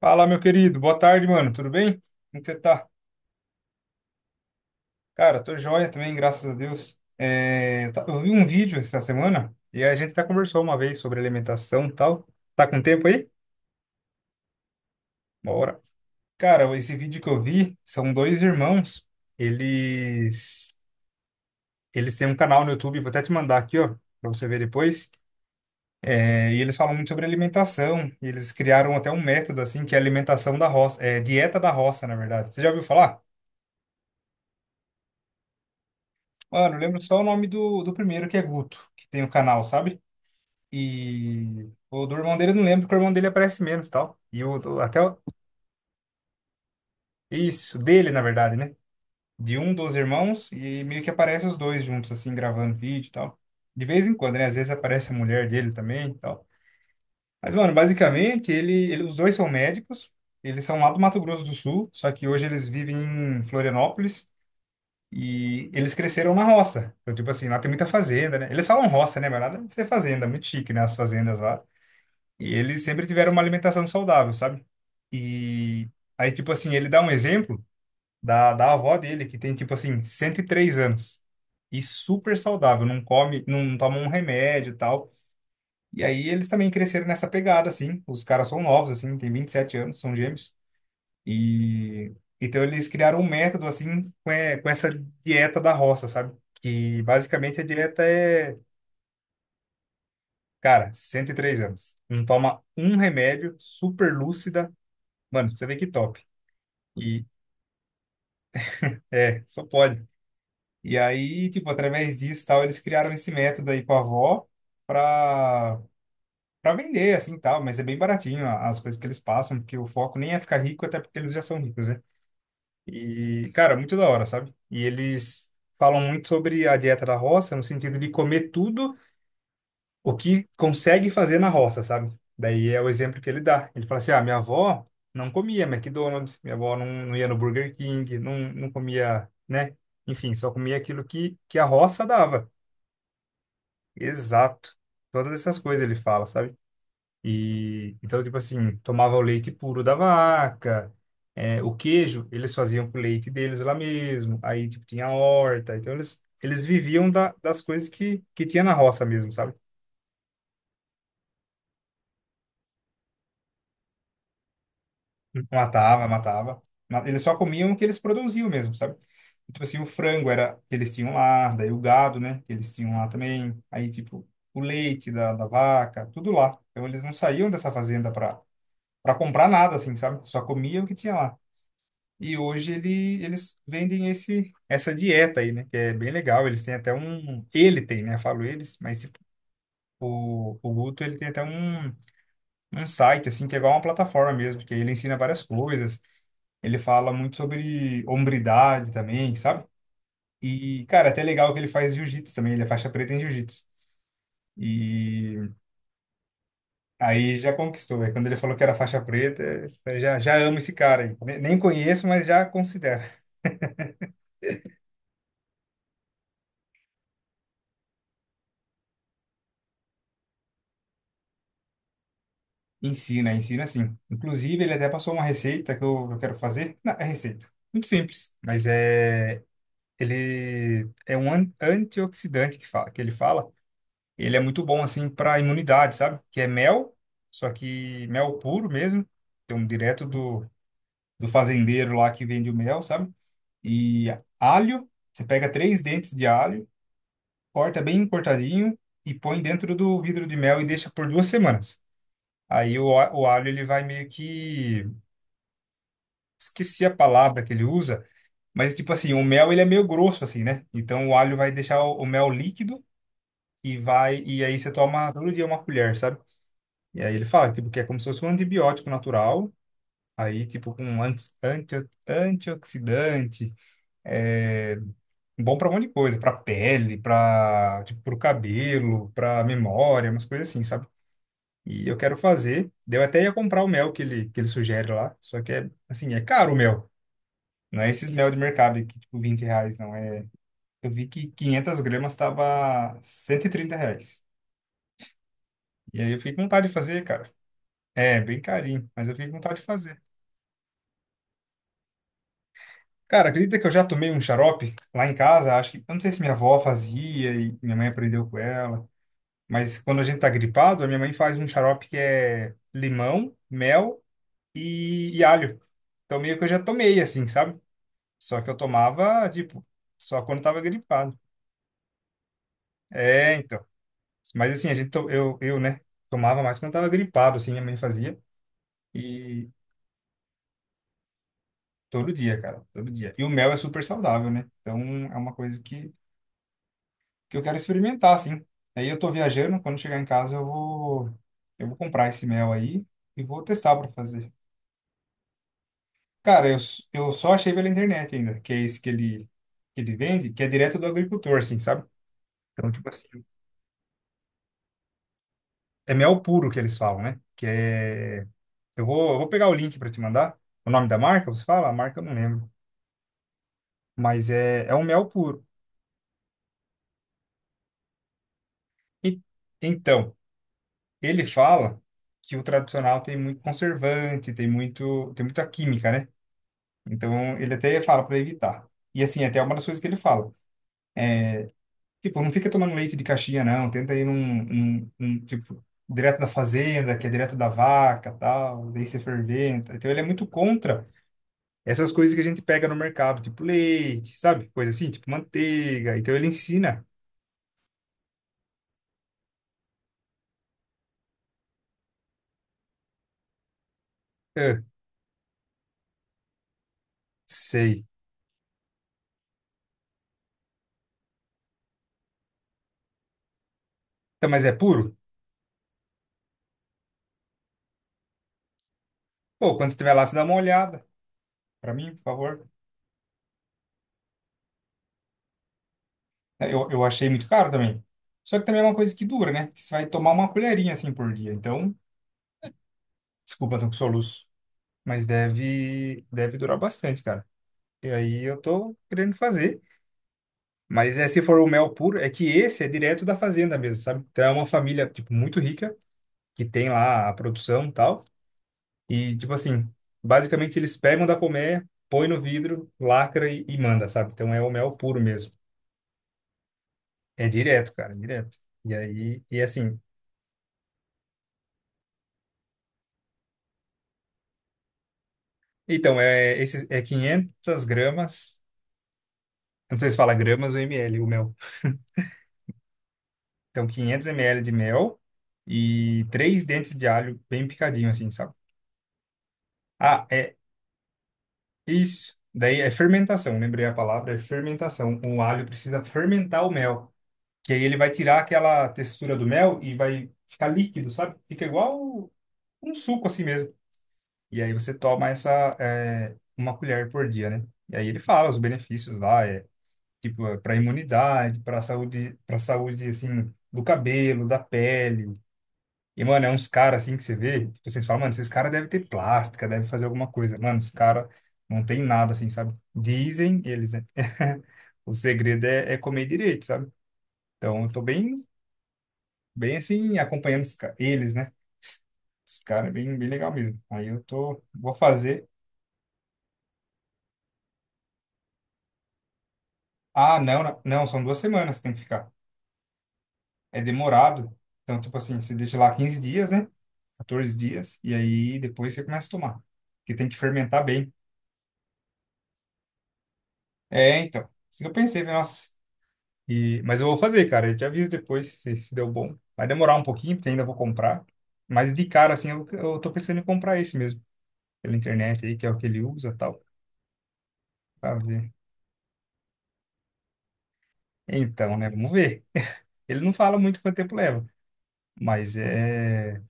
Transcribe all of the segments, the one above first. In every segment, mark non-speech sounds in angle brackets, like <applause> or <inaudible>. Fala, meu querido. Boa tarde, mano. Tudo bem? Como que você tá? Cara, tô joia também, graças a Deus. É, eu vi um vídeo essa semana e a gente até conversou uma vez sobre alimentação e tal. Tá com tempo aí? Bora. Cara, esse vídeo que eu vi são dois irmãos. Eles eles têm um canal no YouTube, vou até te mandar aqui, ó, pra você ver depois. É, e eles falam muito sobre alimentação. E eles criaram até um método assim que é alimentação da roça, é dieta da roça, na verdade. Você já ouviu falar? Mano, eu lembro só o nome do primeiro, que é Guto, que tem o canal, sabe? E o do irmão dele eu não lembro, porque o irmão dele aparece menos, e tal. E o do- até o- isso, dele, na verdade, né? De um dos irmãos, e meio que aparece os dois juntos, assim, gravando vídeo e tal. De vez em quando, né? Às vezes aparece a mulher dele também e tal. Mas, mano, basicamente, os dois são médicos, eles são lá do Mato Grosso do Sul, só que hoje eles vivem em Florianópolis. E eles cresceram na roça. Então, tipo assim, lá tem muita fazenda, né? Eles falam roça, né? Mas nada de ser fazenda, é muito chique, né? As fazendas lá. E eles sempre tiveram uma alimentação saudável, sabe? E aí, tipo assim, ele dá um exemplo da avó dele, que tem, tipo assim, 103 anos. E super saudável, não come, não toma um remédio e tal. E aí eles também cresceram nessa pegada, assim. Os caras são novos, assim, tem 27 anos, são gêmeos. E então eles criaram um método assim com essa dieta da roça, sabe? Que basicamente a dieta é, cara, 103 anos. Não toma um remédio, super lúcida. Mano, pra você vê que top. E é, só pode. E aí, tipo, através disso, tal, eles criaram esse método aí com a avó pra para vender assim, tal, mas é bem baratinho as coisas que eles passam, porque o foco nem é ficar rico, até porque eles já são ricos, né? E, cara, muito da hora, sabe? E eles falam muito sobre a dieta da roça, no sentido de comer tudo o que consegue fazer na roça, sabe? Daí é o exemplo que ele dá. Ele fala assim: ah, minha avó não comia McDonald's, minha avó não, não ia no Burger King, não, não comia, né? Enfim, só comia aquilo que a roça dava. Exato. Todas essas coisas ele fala, sabe? E então, tipo assim, tomava o leite puro da vaca, é, o queijo eles faziam com o leite deles lá mesmo. Aí, tipo, tinha a horta. Então, eles viviam das coisas que tinha na roça mesmo, sabe? Matava, matava. Eles só comiam o que eles produziam mesmo, sabe? Tipo assim, o frango era que eles tinham lá, daí o gado, né? Que eles tinham lá também. Aí, tipo, o leite da vaca, tudo lá. Então, eles não saíam dessa fazenda para comprar nada, assim, sabe? Só comiam o que tinha lá. E hoje eles vendem essa dieta aí, né? Que é bem legal. Eles têm até um. Ele tem, né? Eu falo eles, mas esse- o Guto ele tem até um, um site, assim, que é igual uma plataforma mesmo, que ele ensina várias coisas. Ele fala muito sobre hombridade também, sabe? E, cara, até legal que ele faz jiu-jitsu também. Ele é faixa preta em jiu-jitsu. E aí já conquistou. Aí quando ele falou que era faixa preta, eu falei, já, já amo esse cara aí. Nem conheço, mas já considero. Ensina, ensina sim. Inclusive, ele até passou uma receita que eu quero fazer. Não, é receita. Muito simples, mas é ele é um antioxidante que fala, que ele fala. Ele é muito bom assim para imunidade, sabe? Que é mel, só que mel puro mesmo. Tem um direto do fazendeiro lá que vende o mel, sabe? E alho, você pega três dentes de alho, corta bem cortadinho e põe dentro do vidro de mel e deixa por 2 semanas. Aí o alho ele vai meio que esqueci a palavra que ele usa, mas tipo assim, o mel ele é meio grosso assim, né? Então o alho vai deixar o mel líquido e vai e aí você toma todo dia uma colher, sabe? E aí ele fala tipo que é como se fosse um antibiótico natural, aí tipo com um antioxidante, é bom para um monte de coisa, para pele, para tipo pro cabelo, para memória, umas coisas assim, sabe? E eu quero fazer. Daí eu até ia comprar o mel que ele sugere lá, só que é assim, é caro o mel. Não é esses mel de mercado aí que, tipo, R$ 20, não. É... Eu vi que 500 gramas tava R$ 130. E aí eu fiquei com vontade de fazer, cara. É, bem carinho, mas eu fiquei com vontade de fazer. Cara, acredita que eu já tomei um xarope lá em casa? Acho que, eu não sei se minha avó fazia e minha mãe aprendeu com ela. Mas quando a gente tá gripado, a minha mãe faz um xarope que é limão, mel e alho. Então meio que eu já tomei, assim, sabe? Só que eu tomava, tipo, só quando tava gripado. É, então. Mas assim, a gente, eu, né, tomava mais quando tava gripado, assim, minha mãe fazia. E todo dia, cara, todo dia. E o mel é super saudável, né? Então é uma coisa que eu quero experimentar, assim. Aí eu tô viajando, quando chegar em casa eu vou comprar esse mel aí e vou testar para fazer. Cara, eu, eu só achei pela internet ainda, que é esse que ele vende, que é direto do agricultor, assim, sabe? Então, tipo assim, é mel puro que eles falam, né? Que é... eu vou pegar o link para te mandar. O nome da marca, você fala? A marca eu não lembro, mas é, é um mel puro. E, então, ele fala que o tradicional tem muito conservante, tem muita química, né? Então, ele até fala para evitar. E assim, até uma das coisas que ele fala. Tipo, não fica tomando leite de caixinha, não. Tenta ir num, tipo, direto da fazenda, que é direto da vaca, tal. Daí você ferventa. Então, ele é muito contra essas coisas que a gente pega no mercado, tipo leite, sabe? Coisa assim, tipo manteiga. Então, ele ensina. Ah, sei. Então, mas é puro? Pô, quando você estiver lá, você dá uma olhada pra mim, por favor. É, eu achei muito caro também. Só que também é uma coisa que dura, né? Que você vai tomar uma colherinha assim por dia. Então, desculpa, tô com soluço. Mas deve durar bastante, cara. E aí eu tô querendo fazer. Mas é, se for o mel puro, é que esse é direto da fazenda mesmo, sabe? Então é uma família, tipo, muito rica, que tem lá a produção e tal. E, tipo assim, basicamente eles pegam da colmeia, põe no vidro, lacra e manda, sabe? Então é o mel puro mesmo. É direto, cara, é direto. E aí, e assim, então, é, esse, é 500 gramas, eu não sei se fala gramas ou ml, o mel. Então, 500 ml de mel e três dentes de alho bem picadinho, assim, sabe? Ah, é isso. Daí é fermentação, lembrei a palavra, é fermentação. O alho precisa fermentar o mel, que aí ele vai tirar aquela textura do mel e vai ficar líquido, sabe? Fica igual um suco, assim mesmo. E aí você toma essa, é, uma colher por dia, né? E aí ele fala os benefícios lá, é tipo é para imunidade, para saúde assim do cabelo, da pele. E mano, é uns caras assim que você vê, tipo, vocês falam, mano, esses caras devem ter plástica, devem fazer alguma coisa. Mano, os caras não tem nada assim, sabe? Dizem eles, né? <laughs> O segredo é, é comer direito, sabe? Então eu tô bem, bem assim acompanhando os eles, né? Os caras é bem, bem legal mesmo. Aí eu tô, vou fazer. Ah, não, não, não, são duas semanas que tem que ficar. É demorado. Então, tipo assim, você deixa lá 15 dias, né? 14 dias, e aí depois você começa a tomar. Porque tem que fermentar bem. É, então. Isso que eu pensei, falei, nossa. E, mas eu vou fazer, cara. Eu te aviso depois se deu bom. Vai demorar um pouquinho, porque ainda vou comprar. Mas de cara, assim, eu tô pensando em comprar esse mesmo. Pela internet aí, que é o que ele usa e tal. Pra ver. Então, né? Vamos ver. Ele não fala muito quanto tempo leva. Mas é.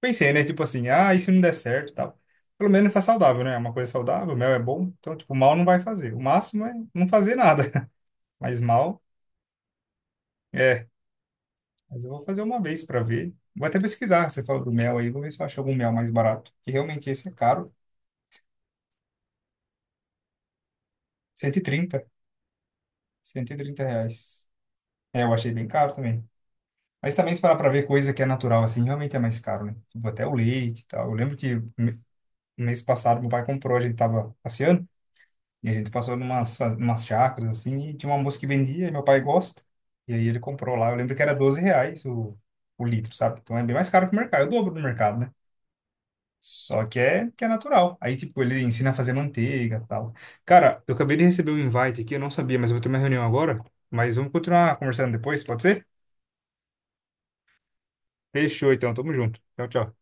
Pensei, né? Tipo assim, ah, e se não der certo e tal. Pelo menos tá saudável, né? É uma coisa saudável, mel é bom, então, tipo, mal não vai fazer. O máximo é não fazer nada, <laughs> mas mal é. Mas eu vou fazer uma vez pra ver. Vou até pesquisar, você falou do mel aí, vou ver se eu acho algum mel mais barato. Que realmente esse é caro, cento cento e trinta cento e trinta reais. É, eu achei bem caro também. Mas também se parar pra ver coisa que é natural, assim, realmente é mais caro, né? Tipo, até o leite e tal. Eu lembro que no mês passado meu pai comprou, a gente tava passeando, e a gente passou numas, numas chacras, assim, e tinha uma moça que vendia, e meu pai gosta. E aí ele comprou lá. Eu lembro que era R$ 12 o litro, sabe? Então é bem mais caro que o mercado, é o dobro do mercado, né? Só que é natural. Aí, tipo, ele ensina a fazer manteiga e tal. Cara, eu acabei de receber um invite aqui, eu não sabia, mas eu vou ter uma reunião agora. Mas vamos continuar conversando depois, pode ser? Fechou, então. Tamo junto. Tchau, tchau.